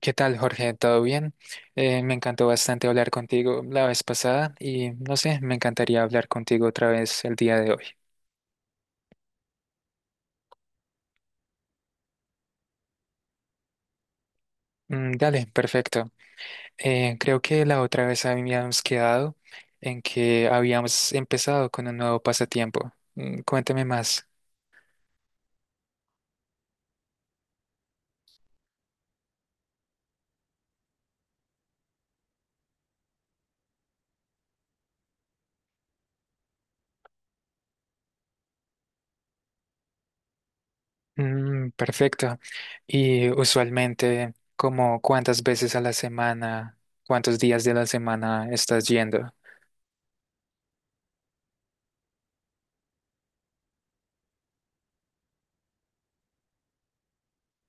¿Qué tal, Jorge? ¿Todo bien? Me encantó bastante hablar contigo la vez pasada y no sé, me encantaría hablar contigo otra vez el día de hoy. Mm, dale, perfecto. Creo que la otra vez habíamos quedado en que habíamos empezado con un nuevo pasatiempo. Mm, cuéntame más. Mm, perfecto. Y usualmente, ¿como cuántas veces a la semana, cuántos días de la semana estás yendo?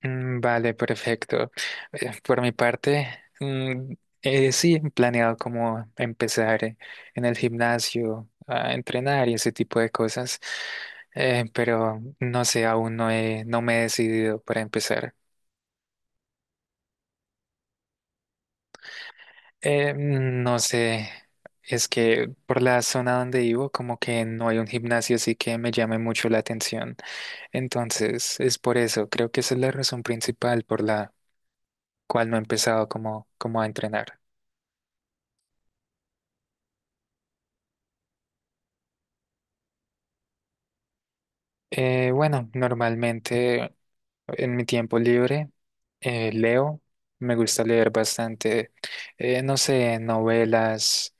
Mm, vale, perfecto. Por mi parte, mm, sí, he planeado como empezar en el gimnasio a entrenar y ese tipo de cosas, pero no sé, aún no he, no me he decidido para empezar. No sé, es que por la zona donde vivo como que no hay un gimnasio así que me llame mucho la atención. Entonces, es por eso, creo que esa es la razón principal por la cual no he empezado como a entrenar. Bueno, normalmente en mi tiempo libre leo, me gusta leer bastante, no sé, novelas,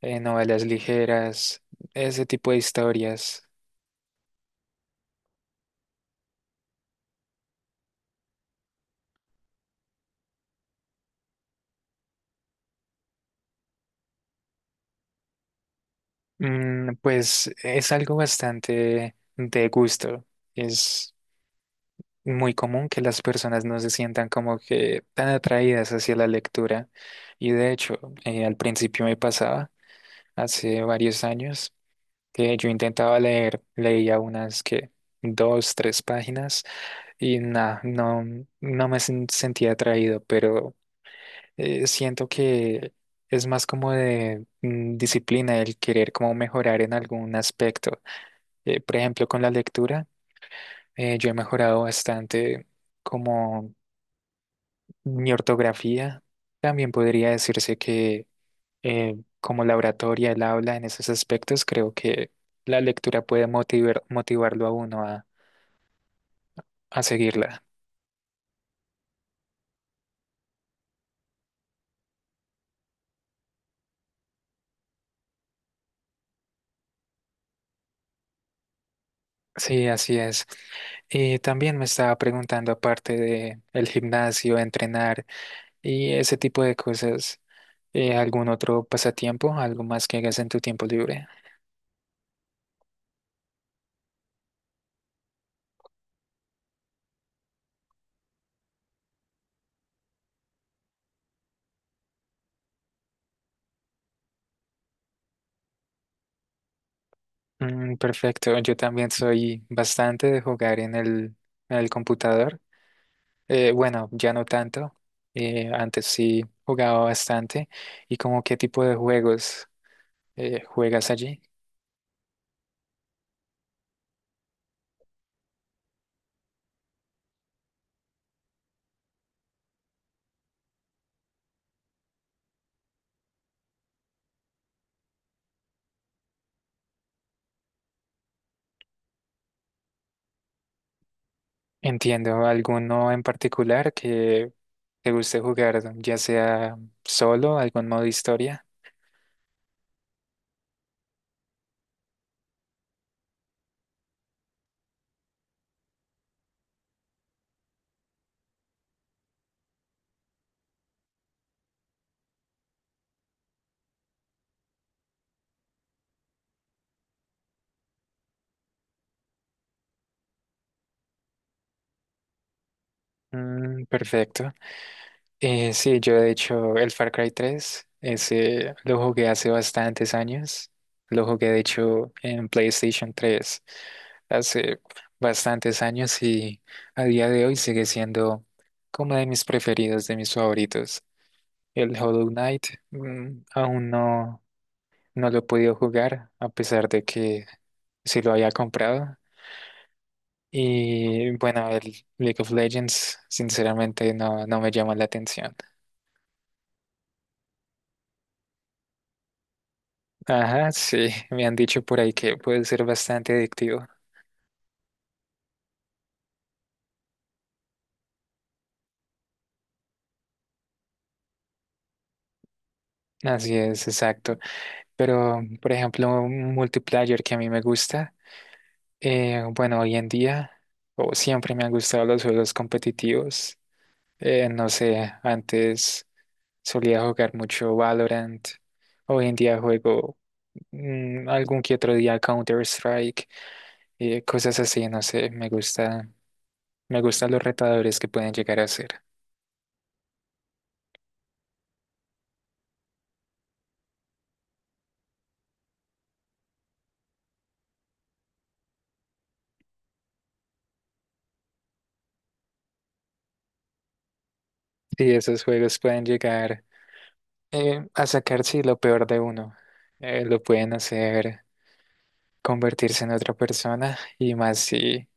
novelas ligeras, ese tipo de historias. Mm, pues es algo bastante de gusto. Es muy común que las personas no se sientan como que tan atraídas hacia la lectura. Y de hecho, al principio me pasaba, hace varios años, que yo intentaba leer, leía unas que dos, tres páginas y nada, no, sentía atraído, pero siento que es más como de disciplina el querer como mejorar en algún aspecto. Por ejemplo, con la lectura, yo he mejorado bastante como mi ortografía. También podría decirse que eh, como la oratoria, el habla en esos aspectos, creo que la lectura puede motivarlo a uno a seguirla. Sí, así es. Y también me estaba preguntando, aparte de el gimnasio, entrenar y ese tipo de cosas, ¿algún otro pasatiempo, algo más que hagas en tu tiempo libre? Mm, perfecto, yo también soy bastante de jugar en el computador. Bueno, ya no tanto. Antes sí jugaba bastante. ¿Y como qué tipo de juegos juegas allí? Entiendo, ¿alguno en particular que te guste jugar, ya sea solo, algún modo historia? Mm, perfecto. Sí, yo de hecho el Far Cry 3, ese lo jugué hace bastantes años. Lo jugué de hecho en PlayStation 3 hace bastantes años y a día de hoy sigue siendo como de mis preferidos, de mis favoritos. El Hollow Knight, aún no, no lo he podido jugar a pesar de que sí lo había comprado. Y bueno, el League of Legends sinceramente no, no me llama la atención. Ajá, sí, me han dicho por ahí que puede ser bastante adictivo. Así es, exacto. Pero, por ejemplo, un multiplayer que a mí me gusta, bueno, hoy en día, o siempre me han gustado los juegos competitivos. No sé, antes solía jugar mucho Valorant. Hoy en día juego algún que otro día Counter-Strike, cosas así, no sé, Me gustan los retadores que pueden llegar a ser. Sí, esos juegos pueden llegar a sacar, sí, lo peor de uno. Lo pueden hacer convertirse en otra persona y más si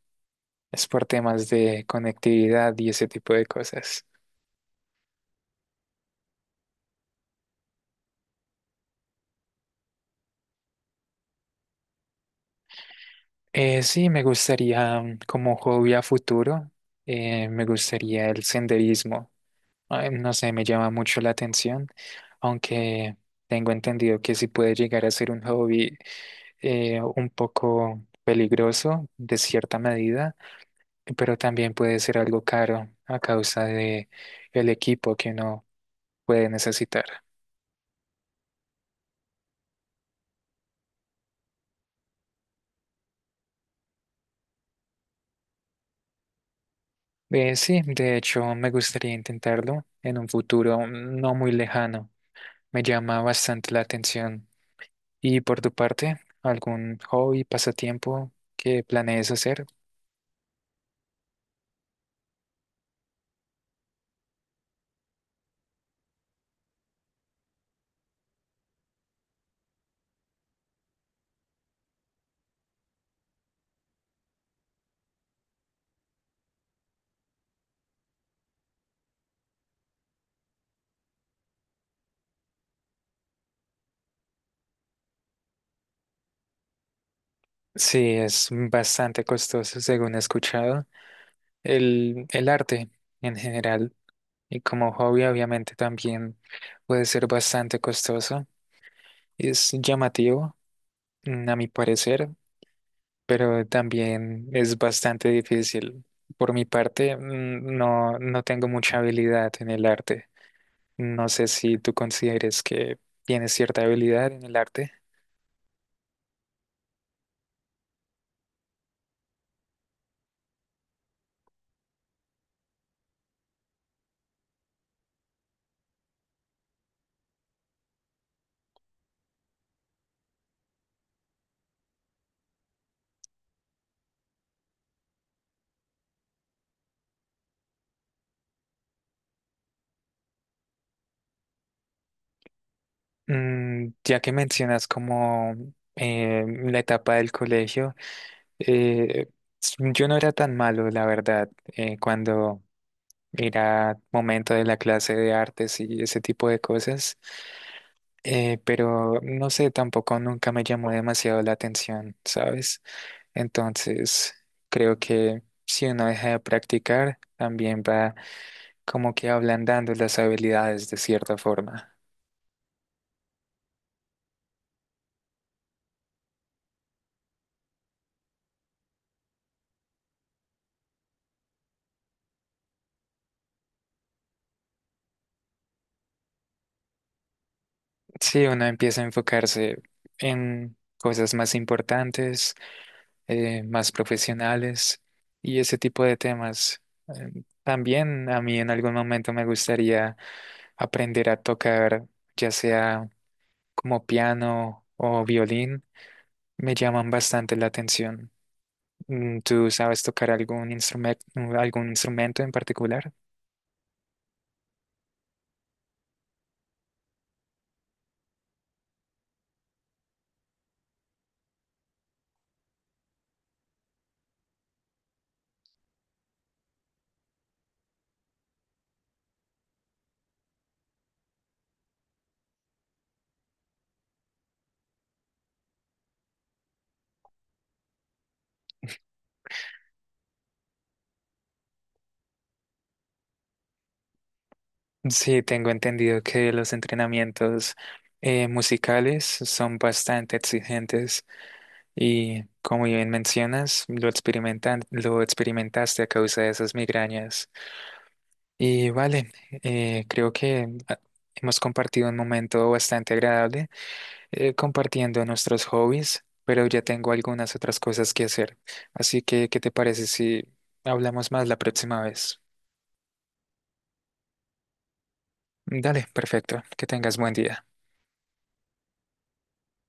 es por temas de conectividad y ese tipo de cosas. Sí, me gustaría como hobby a futuro, me gustaría el senderismo. Ay, no sé, me llama mucho la atención, aunque tengo entendido que sí puede llegar a ser un hobby un poco peligroso de cierta medida, pero también puede ser algo caro a causa de el equipo que uno puede necesitar. Sí, de hecho, me gustaría intentarlo en un futuro no muy lejano. Me llama bastante la atención. ¿Y por tu parte, algún hobby, pasatiempo que planees hacer? Sí, es bastante costoso, según he escuchado. El arte en general y como hobby obviamente también puede ser bastante costoso. Es llamativo, a mi parecer, pero también es bastante difícil. Por mi parte, no, no tengo mucha habilidad en el arte. No sé si tú consideres que tienes cierta habilidad en el arte. Mm, ya que mencionas como la etapa del colegio, Eh, yo no era tan malo, la verdad, cuando era momento de la clase de artes y ese tipo de cosas, pero no sé, tampoco nunca me llamó demasiado la atención, ¿sabes? Entonces, creo que si uno deja de practicar, también va como que ablandando las habilidades de cierta forma. Si uno empieza a enfocarse en cosas más importantes, más profesionales y ese tipo de temas. También a mí en algún momento me gustaría aprender a tocar, ya sea como piano o violín, me llaman bastante la atención. Mm, ¿tú sabes tocar algún instrumento en particular? Sí, tengo entendido que los entrenamientos musicales son bastante exigentes. Y como bien mencionas, lo experimentaste a causa de esas migrañas. Y vale, creo que hemos compartido un momento bastante agradable, compartiendo nuestros hobbies, pero ya tengo algunas otras cosas que hacer. Así que, ¿qué te parece si hablamos más la próxima vez? Dale, perfecto. Que tengas buen día.